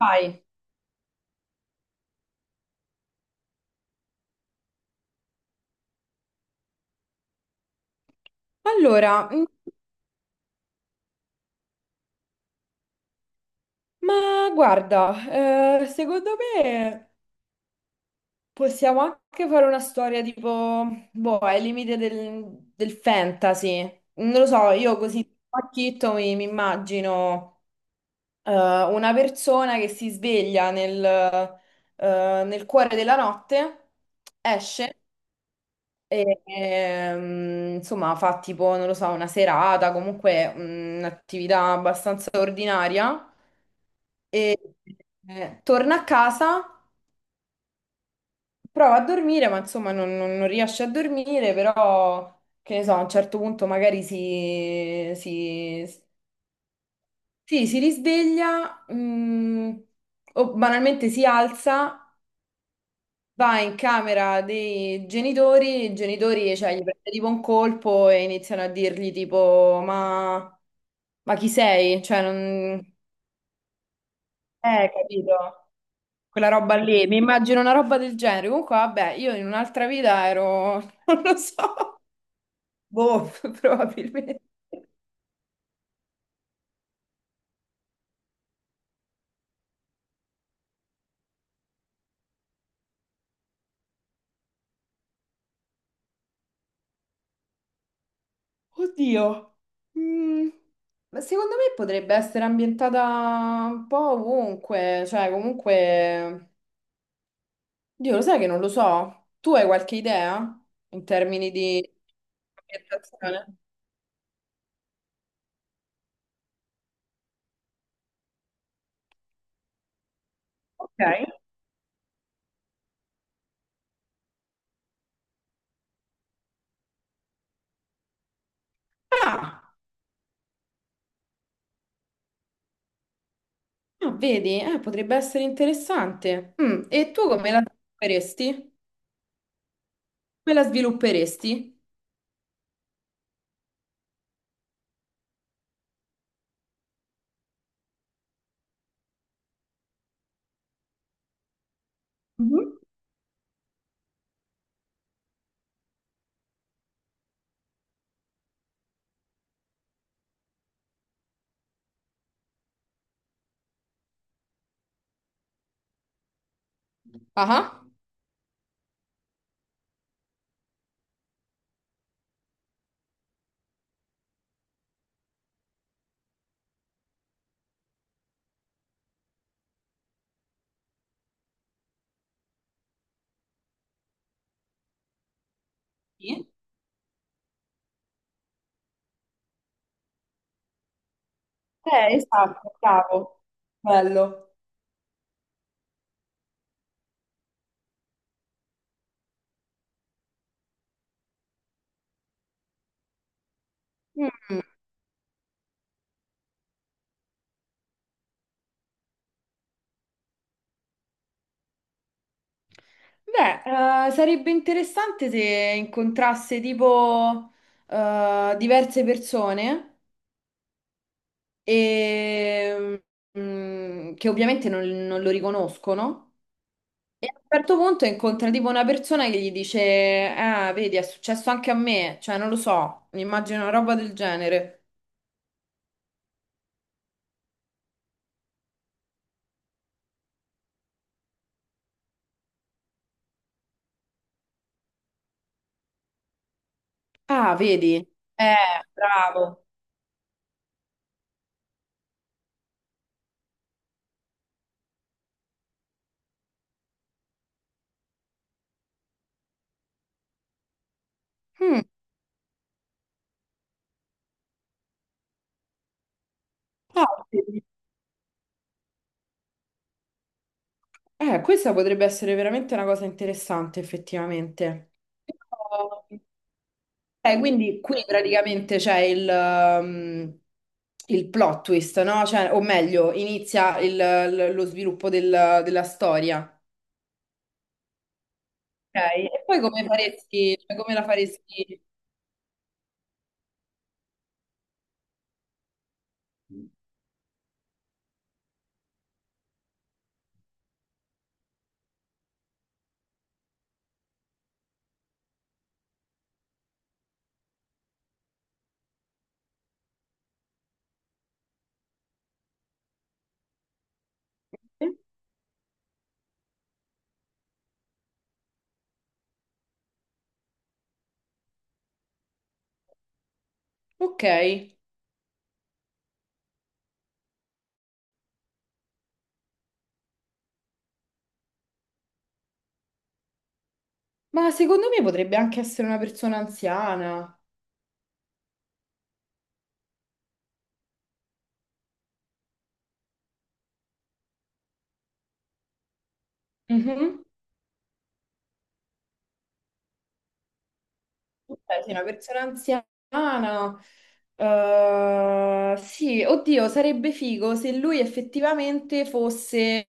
Vai. Allora, ma guarda, secondo me possiamo anche fare una storia tipo, boh, ai limiti del fantasy. Non lo so, io così pacchitto mi immagino una persona che si sveglia nel cuore della notte, esce e insomma fa tipo, non lo so, una serata, comunque un'attività abbastanza ordinaria. E torna a casa, prova a dormire, ma insomma non riesce a dormire, però che ne so, a un certo punto magari sì, si risveglia, o banalmente si alza, va in camera dei genitori, i genitori, cioè, gli prende tipo un colpo e iniziano a dirgli tipo, ma chi sei? Cioè, non... capito? Quella roba lì, mi immagino una roba del genere. Comunque, vabbè, io in un'altra vita ero, non lo so, boh, probabilmente. Oddio. Mm, ma secondo me potrebbe essere ambientata un po' ovunque, cioè comunque... Dio, lo sai che non lo so. Tu hai qualche idea in termini di ambientazione? Ok. Ah, ah, vedi? Potrebbe essere interessante. E tu come la faresti? Come la svilupperesti? Mhm. Ah, sì. Esatto, bravo. Bello. Mm. Beh, sarebbe interessante se incontrasse tipo diverse persone e, che ovviamente non lo riconoscono. E a un certo punto incontra tipo una persona che gli dice: Ah, vedi, è successo anche a me. Cioè, non lo so, mi immagino una roba del genere. Ah, vedi? Eh, bravo. Ah, sì. Eh, questa potrebbe essere veramente una cosa interessante, effettivamente. Però- quindi qui praticamente c'è il plot twist, no? Cioè, o meglio, inizia lo sviluppo della storia. Ok, E poi come faresti, cioè, come la faresti? Ok, ma secondo me potrebbe anche essere una persona anziana. Mhm. Cioè, sei una persona anziana. Eh, sì, oddio, sarebbe figo se lui effettivamente fosse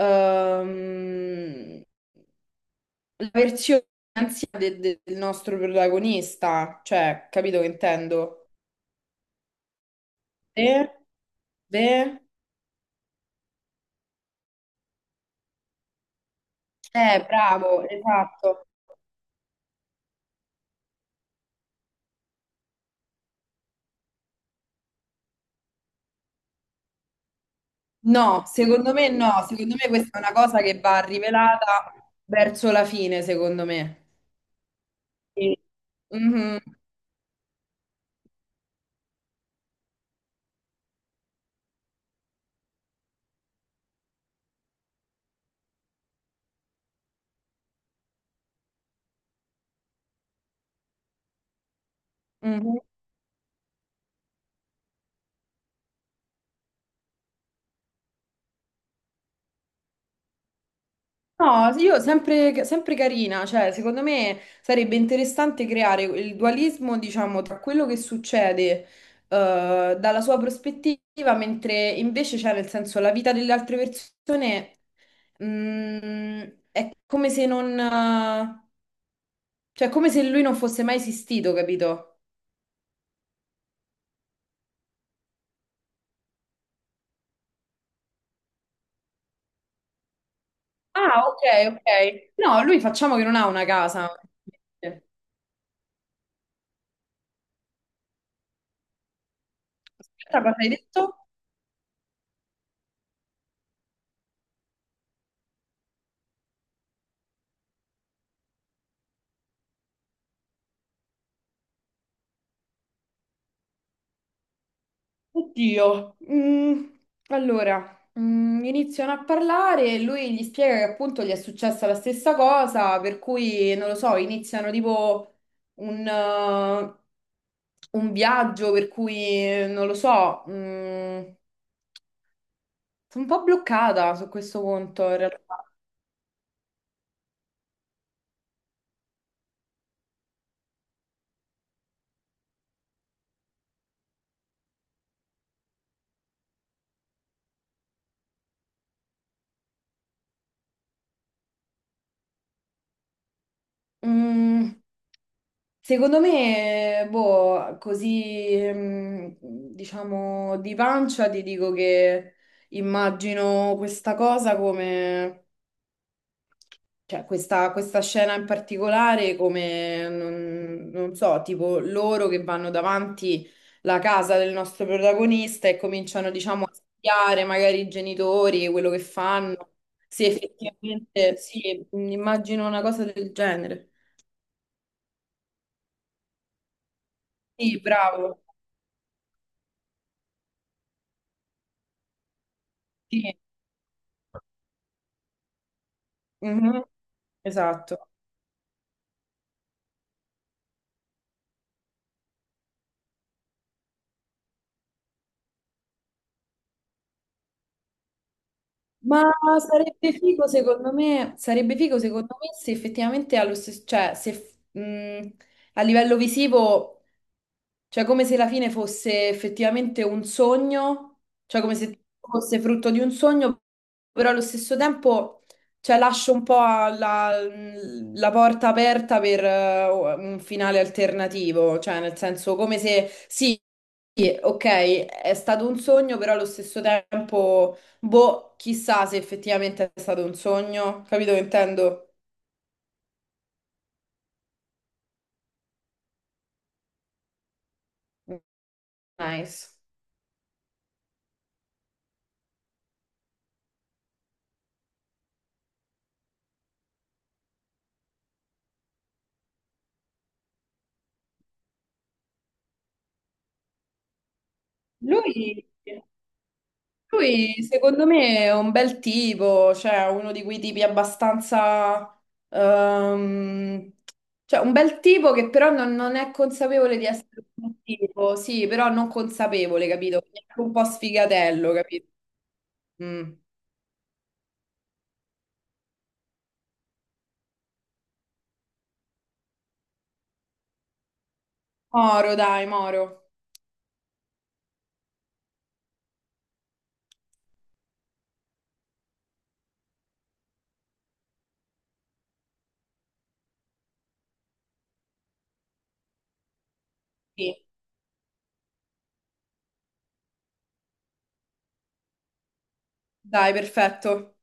ehm, la versione anziana del nostro protagonista. Cioè, capito che intendo? Eh? Beh, bravo, esatto. No, secondo me no, secondo me questa è una cosa che va rivelata verso la fine, secondo me. Sì. Mhm, mhm. No, sì, io sempre, sempre carina, cioè secondo me sarebbe interessante creare il dualismo, diciamo, tra quello che succede dalla sua prospettiva, mentre invece c'è nel senso la vita delle altre persone mm, è come se non, cioè è come se lui non fosse mai esistito, capito? Ah, ok, ok. No, lui facciamo che non ha una casa. Aspetta, cosa hai detto? Oddio, allora iniziano a parlare e lui gli spiega che appunto gli è successa la stessa cosa, per cui non lo so, iniziano tipo un, eh, un viaggio per cui non lo so, sono un po' bloccata su questo punto in realtà. Mm, Secondo me, boh, così, diciamo, di pancia ti dico che immagino questa cosa come, cioè questa scena in particolare come, non so, tipo loro che vanno davanti la casa del nostro protagonista e cominciano, diciamo, a spiare magari i genitori, quello che fanno, se effettivamente, sì, immagino una cosa del genere. Sì, bravo. Sì. Esatto. Ma sarebbe figo secondo me, sarebbe figo secondo me se effettivamente allo stesso, cioè se a livello visivo, cioè come se la fine fosse effettivamente un sogno, cioè come se fosse frutto di un sogno, però allo stesso tempo cioè, lascio un po' la porta aperta per un finale alternativo, cioè nel senso come se sì, ok, è stato un sogno, però allo stesso tempo. Boh, chissà se effettivamente è stato un sogno, capito che intendo? Nice. Lui, lui, secondo me è un bel tipo, cioè uno di quei tipi abbastanza... ehm, cioè un bel tipo che però non è consapevole di essere un tipo, sì, però non consapevole, capito? È anche un po' sfigatello, capito? Mm. Moro, dai, Moro. Sì, dai, perfetto.